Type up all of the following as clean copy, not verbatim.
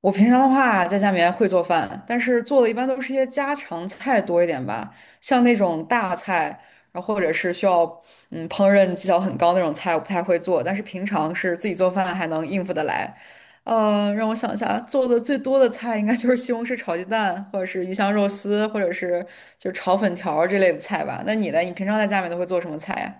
我平常的话，在家里面会做饭，但是做的一般都是一些家常菜多一点吧，像那种大菜，然后或者是需要烹饪技巧很高那种菜，我不太会做。但是平常是自己做饭还能应付得来。让我想一下，做的最多的菜应该就是西红柿炒鸡蛋，或者是鱼香肉丝，或者是就是炒粉条儿这类的菜吧。那你呢？你平常在家里面都会做什么菜呀？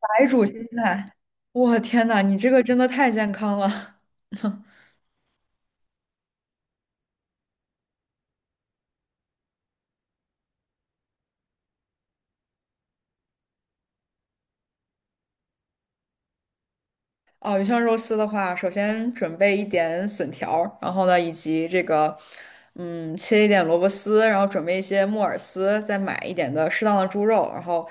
白煮青菜，我天呐，你这个真的太健康了。哦，鱼香肉丝的话，首先准备一点笋条儿然后呢，以及这个，切一点萝卜丝，然后准备一些木耳丝，再买一点的适当的猪肉，然后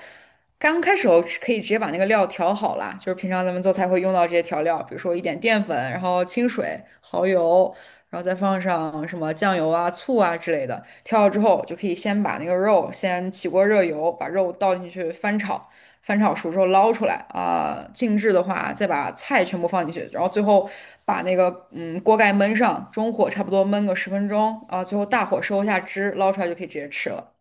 刚开始我是可以直接把那个料调好啦，就是平常咱们做菜会用到这些调料，比如说一点淀粉，然后清水、蚝油，然后再放上什么酱油啊、醋啊之类的。调好之后，就可以先把那个肉先起锅热油，把肉倒进去翻炒。翻炒熟之后捞出来啊、静置的话再把菜全部放进去，然后最后把那个锅盖焖上，中火差不多焖个十分钟啊、最后大火收一下汁，捞出来就可以直接吃了。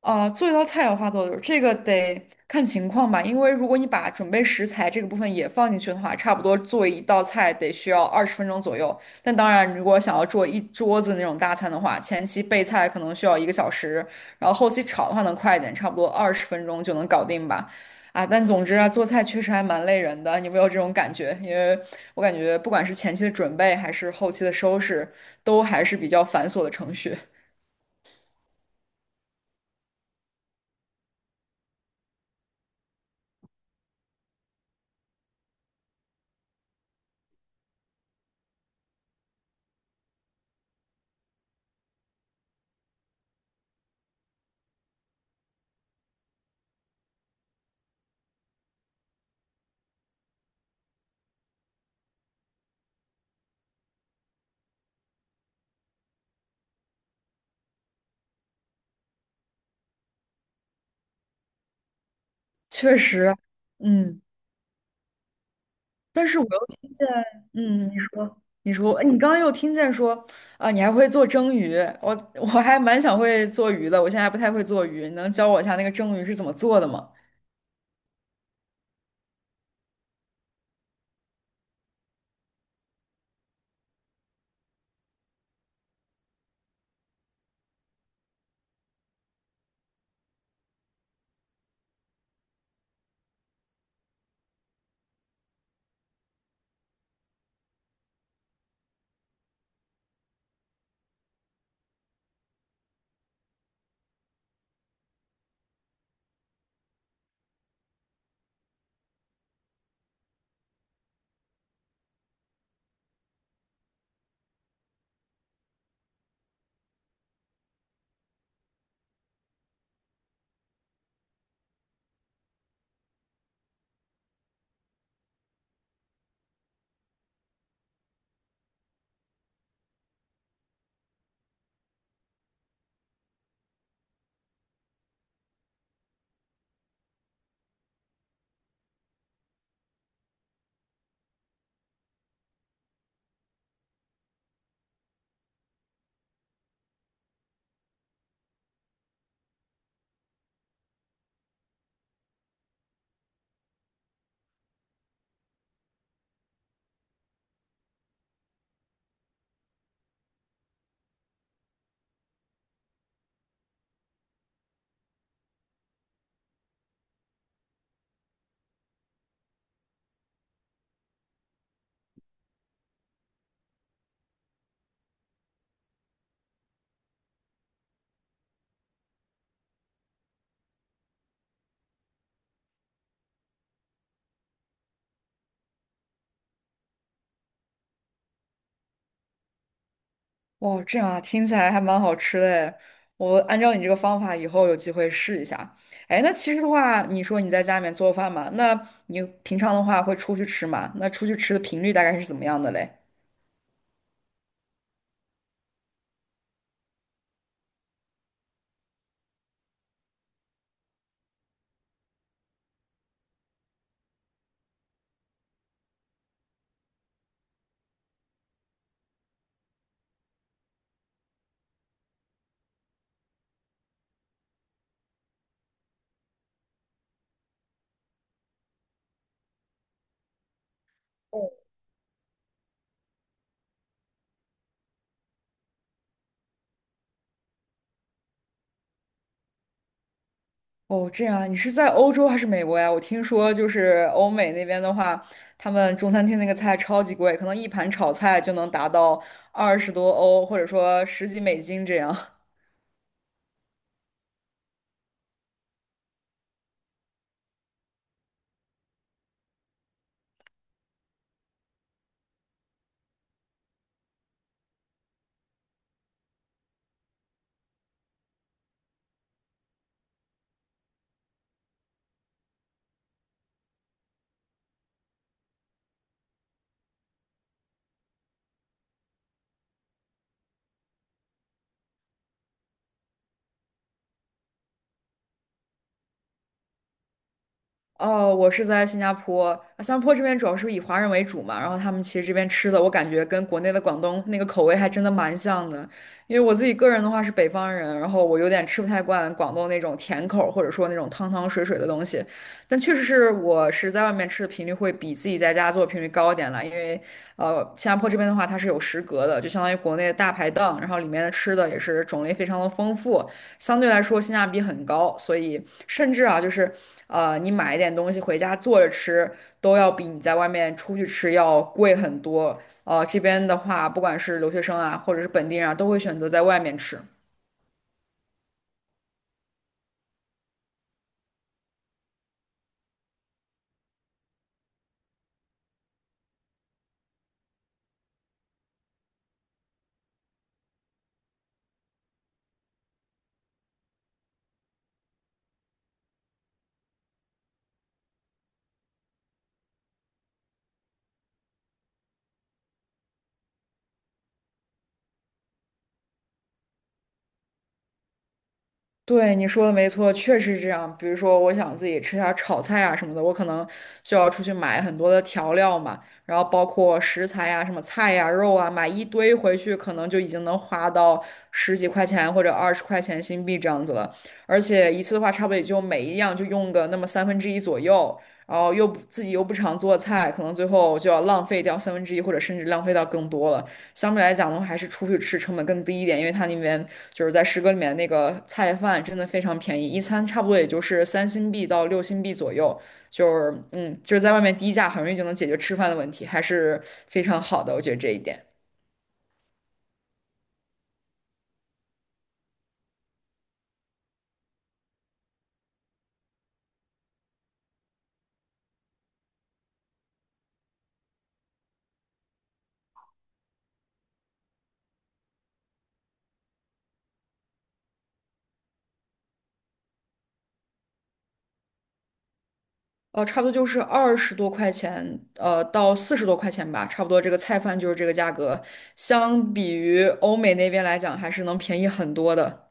啊，做一道菜要花多久？这个得看情况吧，因为如果你把准备食材这个部分也放进去的话，差不多做一道菜得需要二十分钟左右。但当然，如果想要做一桌子那种大餐的话，前期备菜可能需要1个小时，然后后期炒的话能快一点，差不多二十分钟就能搞定吧。啊，但总之啊，做菜确实还蛮累人的，你有没有这种感觉？因为我感觉不管是前期的准备还是后期的收拾，都还是比较繁琐的程序。确实啊，嗯。但是我又听见，你说，哎你刚刚又听见说啊，你还会做蒸鱼，我还蛮想会做鱼的，我现在还不太会做鱼，你能教我一下那个蒸鱼是怎么做的吗？哇，这样啊，听起来还蛮好吃的诶，我按照你这个方法，以后有机会试一下。哎，那其实的话，你说你在家里面做饭嘛，那你平常的话会出去吃嘛？那出去吃的频率大概是怎么样的嘞？哦，这样，啊，你是在欧洲还是美国呀？我听说就是欧美那边的话，他们中餐厅那个菜超级贵，可能一盘炒菜就能达到20多欧，或者说十几美金这样。哦，我是在新加坡，啊新加坡这边主要是以华人为主嘛，然后他们其实这边吃的，我感觉跟国内的广东那个口味还真的蛮像的。因为我自己个人的话是北方人，然后我有点吃不太惯广东那种甜口儿或者说那种汤汤水水的东西，但确实是我是在外面吃的频率会比自己在家做的频率高一点了，因为新加坡这边的话它是有食阁的，就相当于国内的大排档，然后里面的吃的也是种类非常的丰富。相对来说性价比很高，所以甚至啊，就是你买一点东西回家做着吃，都要比你在外面出去吃要贵很多。这边的话，不管是留学生啊，或者是本地人啊，都会选择在外面吃。对，你说的没错，确实是这样。比如说，我想自己吃下炒菜啊什么的，我可能就要出去买很多的调料嘛，然后包括食材呀、什么菜呀、肉啊，买一堆回去，可能就已经能花到十几块钱或者20块钱新币这样子了。而且一次的话，差不多也就每一样就用个那么三分之一左右，然后又不自己又不常做菜，可能最后就要浪费掉三分之一，或者甚至浪费到更多了。相对来讲的话，还是出去吃成本更低一点，因为它那边就是在诗歌里面那个菜饭真的非常便宜，一餐差不多也就是3新币到6新币左右，就是在外面低价很容易就能解决吃饭的问题，还是非常好的，我觉得这一点。哦，差不多就是20多块钱，到40多块钱吧，差不多这个菜饭就是这个价格，相比于欧美那边来讲，还是能便宜很多的。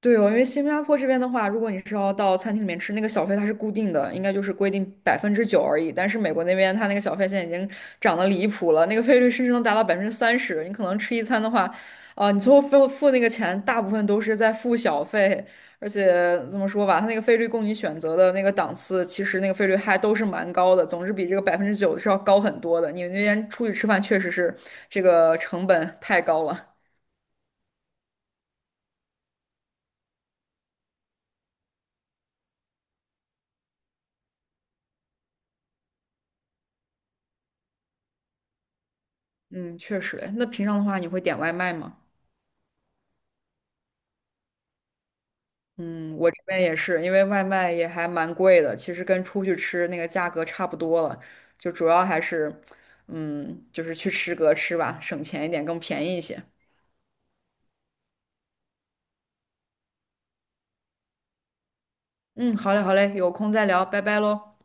对哦，因为新加坡这边的话，如果你是要到餐厅里面吃，那个小费它是固定的，应该就是规定百分之九而已。但是美国那边它那个小费现在已经涨得离谱了，那个费率甚至能达到30%。你可能吃一餐的话，啊、你最后付那个钱，大部分都是在付小费。而且怎么说吧，它那个费率供你选择的那个档次，其实那个费率还都是蛮高的，总之比这个百分之九是要高很多的。你们那边出去吃饭确实是这个成本太高了。嗯，确实。诶那平常的话，你会点外卖吗？嗯，我这边也是，因为外卖也还蛮贵的，其实跟出去吃那个价格差不多了，就主要还是，就是去食阁吃吧，省钱一点，更便宜一些。嗯，好嘞，好嘞，有空再聊，拜拜喽。